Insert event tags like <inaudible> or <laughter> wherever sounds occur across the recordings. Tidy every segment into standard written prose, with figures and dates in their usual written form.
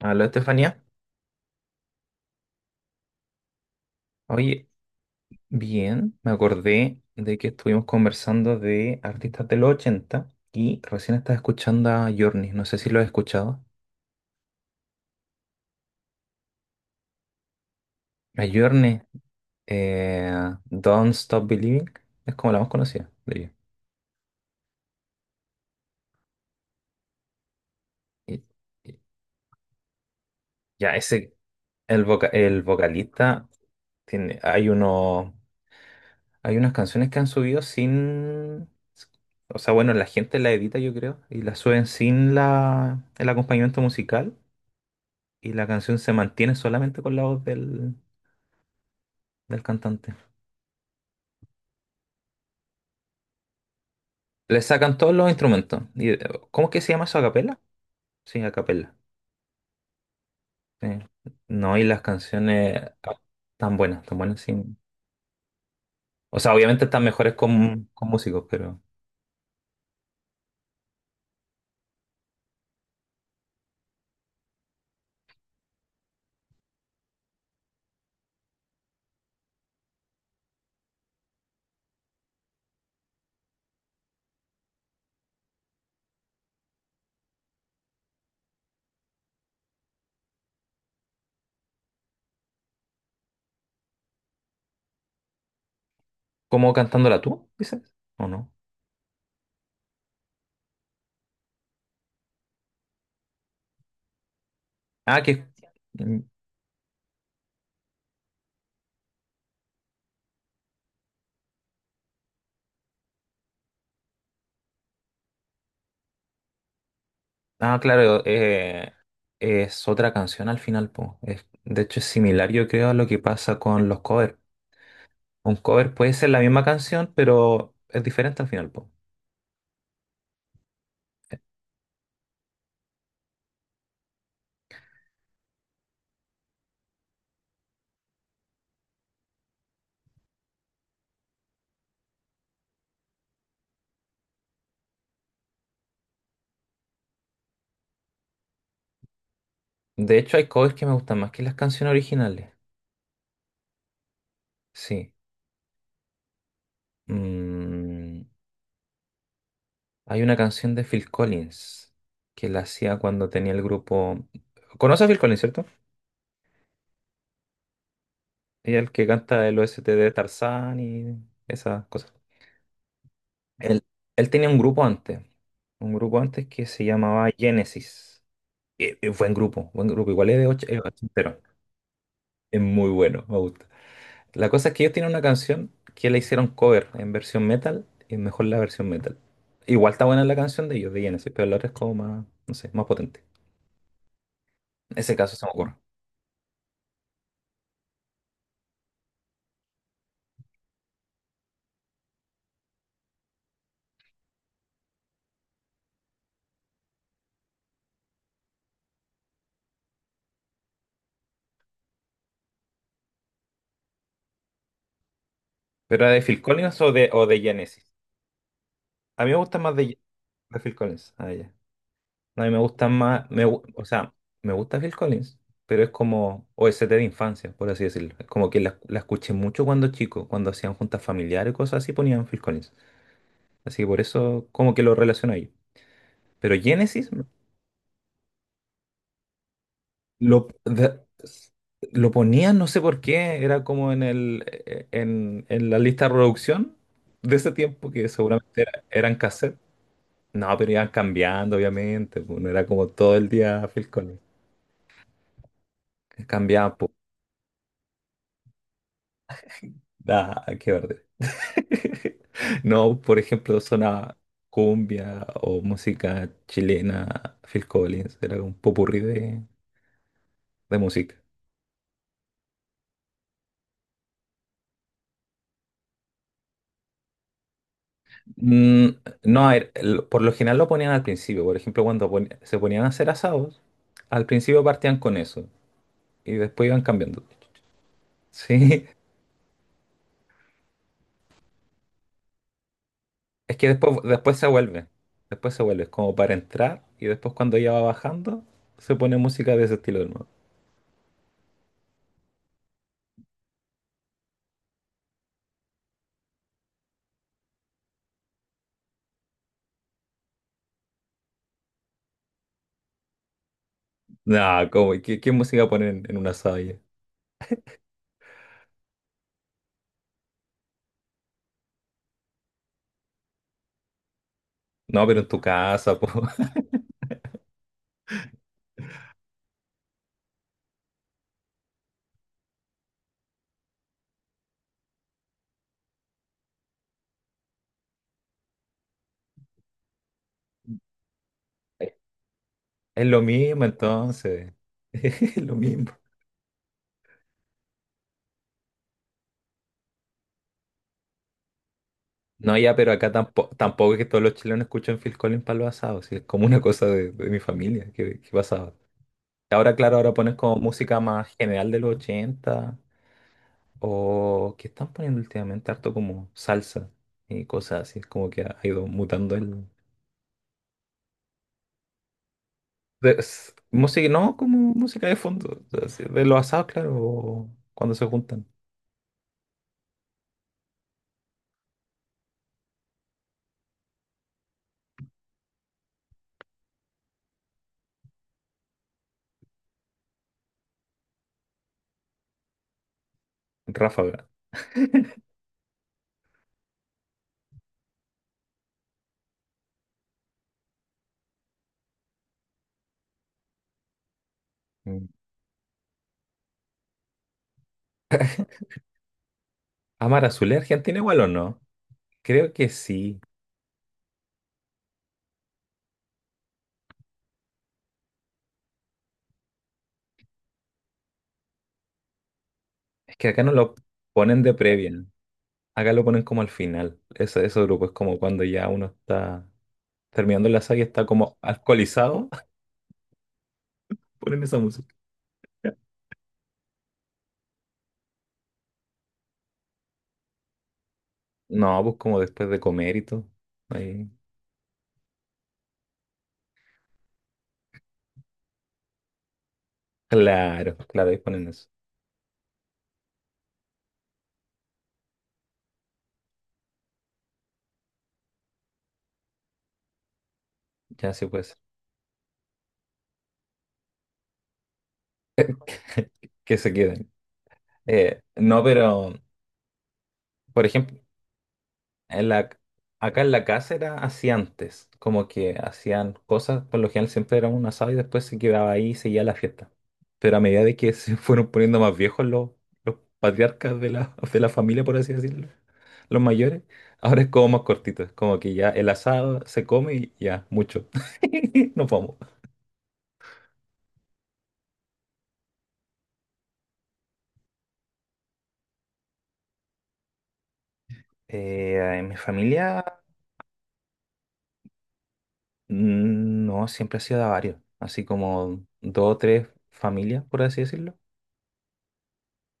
Hola, Estefanía. Oye, bien, me acordé de que estuvimos conversando de artistas de los 80 y recién estás escuchando a Journey. No sé si lo has escuchado. A Journey, eh, Don't Stop Believing, es como la más conocida de ella. Y- y- Ya, ese, el vocalista, tiene, hay uno, hay unas canciones que han subido sin... O sea, bueno, la gente la edita, yo creo, y la suben sin el acompañamiento musical. Y la canción se mantiene solamente con la voz del cantante. Le sacan todos los instrumentos. Y, ¿cómo es que se llama eso? ¿A capela? Sí, a capela. Sí. No, y las canciones tan buenas, sí. O sea, obviamente están mejores con músicos, pero ¿cómo cantándola tú, dices? ¿O no? Ah, que... mm, Ah, claro, es otra canción al final, po. De hecho, es similar, yo creo, a lo que pasa con los covers. Un cover puede ser la misma canción, pero es diferente al final, po. De hecho, hay covers que me gustan más que las canciones originales. Sí. Mm, hay una canción de Phil Collins que la hacía cuando tenía el grupo. ¿Conoces a Phil Collins, cierto? Ella es el que canta el OST de Tarzán y esas cosas. Él, él tenía un grupo antes. Un grupo antes que se llamaba Genesis. Buen grupo, buen grupo. Igual es es ochentero. Es muy bueno, me gusta. La cosa es que ellos tienen una canción que la hicieron cover en versión metal y es mejor la versión metal. Igual está buena la canción de ellos, de Genesis, pero la otra es como más, no sé, más potente. En ese caso se me ocurre. ¿Pero la de Phil Collins o o de Genesis? A mí me gusta más de Phil Collins. Ah, ya. No, a mí me gusta más, o sea, me gusta Phil Collins, pero es como o OST de infancia, por así decirlo. Es como que la escuché mucho cuando chico, cuando hacían juntas familiares y cosas así, ponían Phil Collins. Así que por eso como que lo relaciono ahí. Pero Genesis Lo, de- lo ponían, no sé por qué, era como en en la lista de reproducción de ese tiempo, que seguramente eran cassette. No, pero iban cambiando, obviamente, pues, no era como todo el día Phil Collins. Cambiaban, pues, da, qué verde. <laughs> No, por ejemplo, sonaba cumbia o música chilena, Phil Collins, era un popurrí de música. Mm, no, a ver, por lo general lo ponían al principio. Por ejemplo, se ponían a hacer asados, al principio partían con eso y después iban cambiando. Sí, <laughs> es que después, después se vuelve. Después se vuelve, es como para entrar y después cuando ya va bajando, se pone música de ese estilo de nuevo. No, como, ¿Qué, qué música ponen en un asado ya? No, pero en tu casa, po. <laughs> Es lo mismo entonces. <laughs> Es lo mismo. No, ya, pero acá tampoco, tampoco es que todos los chilenos escuchen Phil Collins para los asados, sí, es como una cosa de mi familia que pasaba. Ahora, claro, ahora pones como música más general de los 80 o que están poniendo últimamente harto como salsa y cosas así, es como que ha ido mutando el... música, no como música de fondo, o sea, sí, de los asados, claro, o cuando se juntan. Ráfaga. Mm. Amar Azul, ¿es ¿Argentina igual o no? Creo que sí, es que acá no lo ponen de previa. ¿No? Acá lo ponen como al final. Ese grupo es como cuando ya uno está terminando la saga y está como alcoholizado. <laughs> Ponen esa música. No, pues como después de comer y todo. Ahí. Claro, claro, ahí ponen eso. Ya sí puede ser. <laughs> Que se queden. No, pero, por ejemplo, En acá en la casa era así antes, como que hacían cosas, por lo general siempre era un asado y después se quedaba ahí y seguía la fiesta. Pero a medida de que <laughs> se fueron poniendo más viejos los patriarcas de de la familia, por así decirlo, los mayores, ahora es como más cortito, es como que ya el asado se come y ya, mucho. <laughs> Nos vamos. En mi familia, no, siempre ha sido de a varios, así como dos o tres familias, por así decirlo.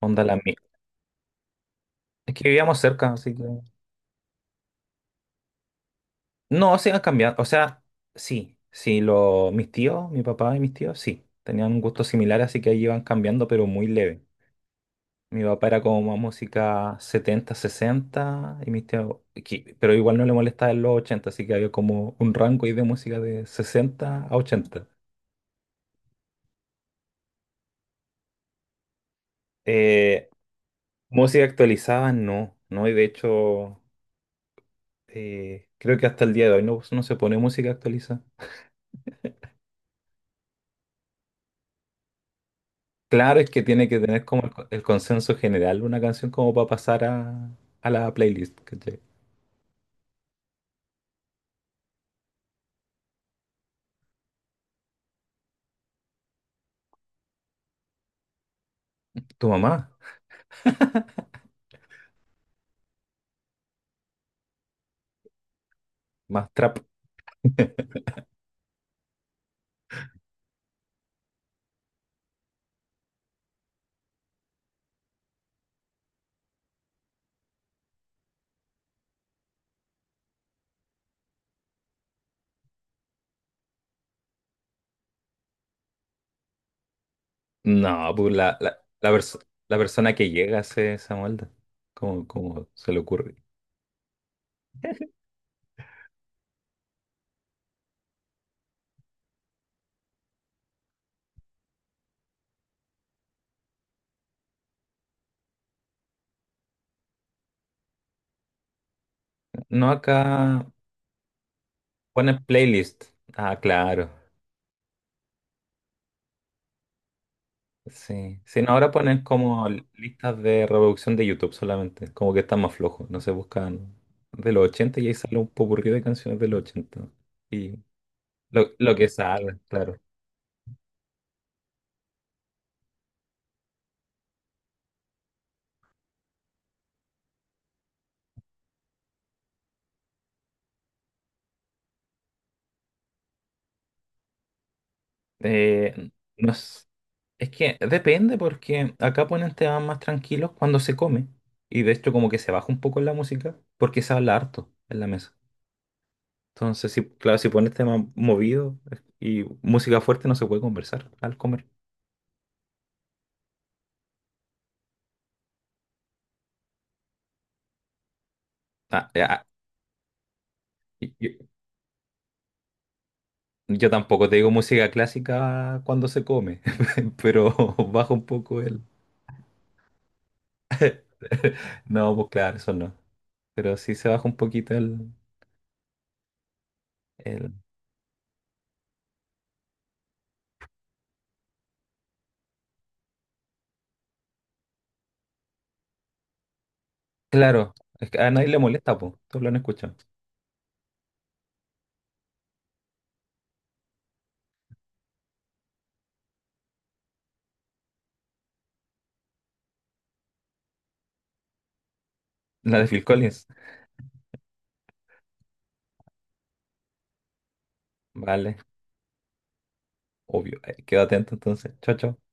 Onda la mía. Es que vivíamos cerca, así que. No, se han cambiado. O sea, sí, sí, mis tíos, mi papá y mis tíos, sí, tenían un gusto similar, así que ahí iban cambiando, pero muy leve. Mi papá era como más música 70, 60 y mis tíos, pero igual no le molestaba en los 80, así que había como un rango ahí de música de 60 a ochenta. Eh, música actualizada, no, no, y de hecho, creo que hasta el día de hoy no, no se pone música actualizada. Claro, es que tiene que tener como el consenso general una canción como para pasar a la playlist. ¿Cachai? Tu mamá, más trap. <laughs> No, pues la la persona que llega hace esa molda. ¿Cómo como se le ocurre? No, acá ponen playlist. Ah, claro. Sí. Sí, no, ahora ponen como listas de reproducción de YouTube solamente. Como que está más flojo. No se buscan de los 80 y ahí sale un popurrí de canciones de los 80. Y lo que sale, claro. Eh, no es, es que depende porque acá ponen temas más tranquilos cuando se come. Y de hecho como que se baja un poco la música porque se habla harto en la mesa. Entonces, sí, claro, si pones temas movidos y música fuerte no se puede conversar al comer. Ah, eh, ah, y- y- yo, tampoco te digo música clásica cuando se come, <laughs> pero baja un poco el... <laughs> No, pues claro, eso no. Pero sí se baja un poquito el... Claro, es que a nadie le molesta, pues, todos lo han escuchado. La de Phil Collins. Vale, obvio. Quedo atento entonces. Chao, chao.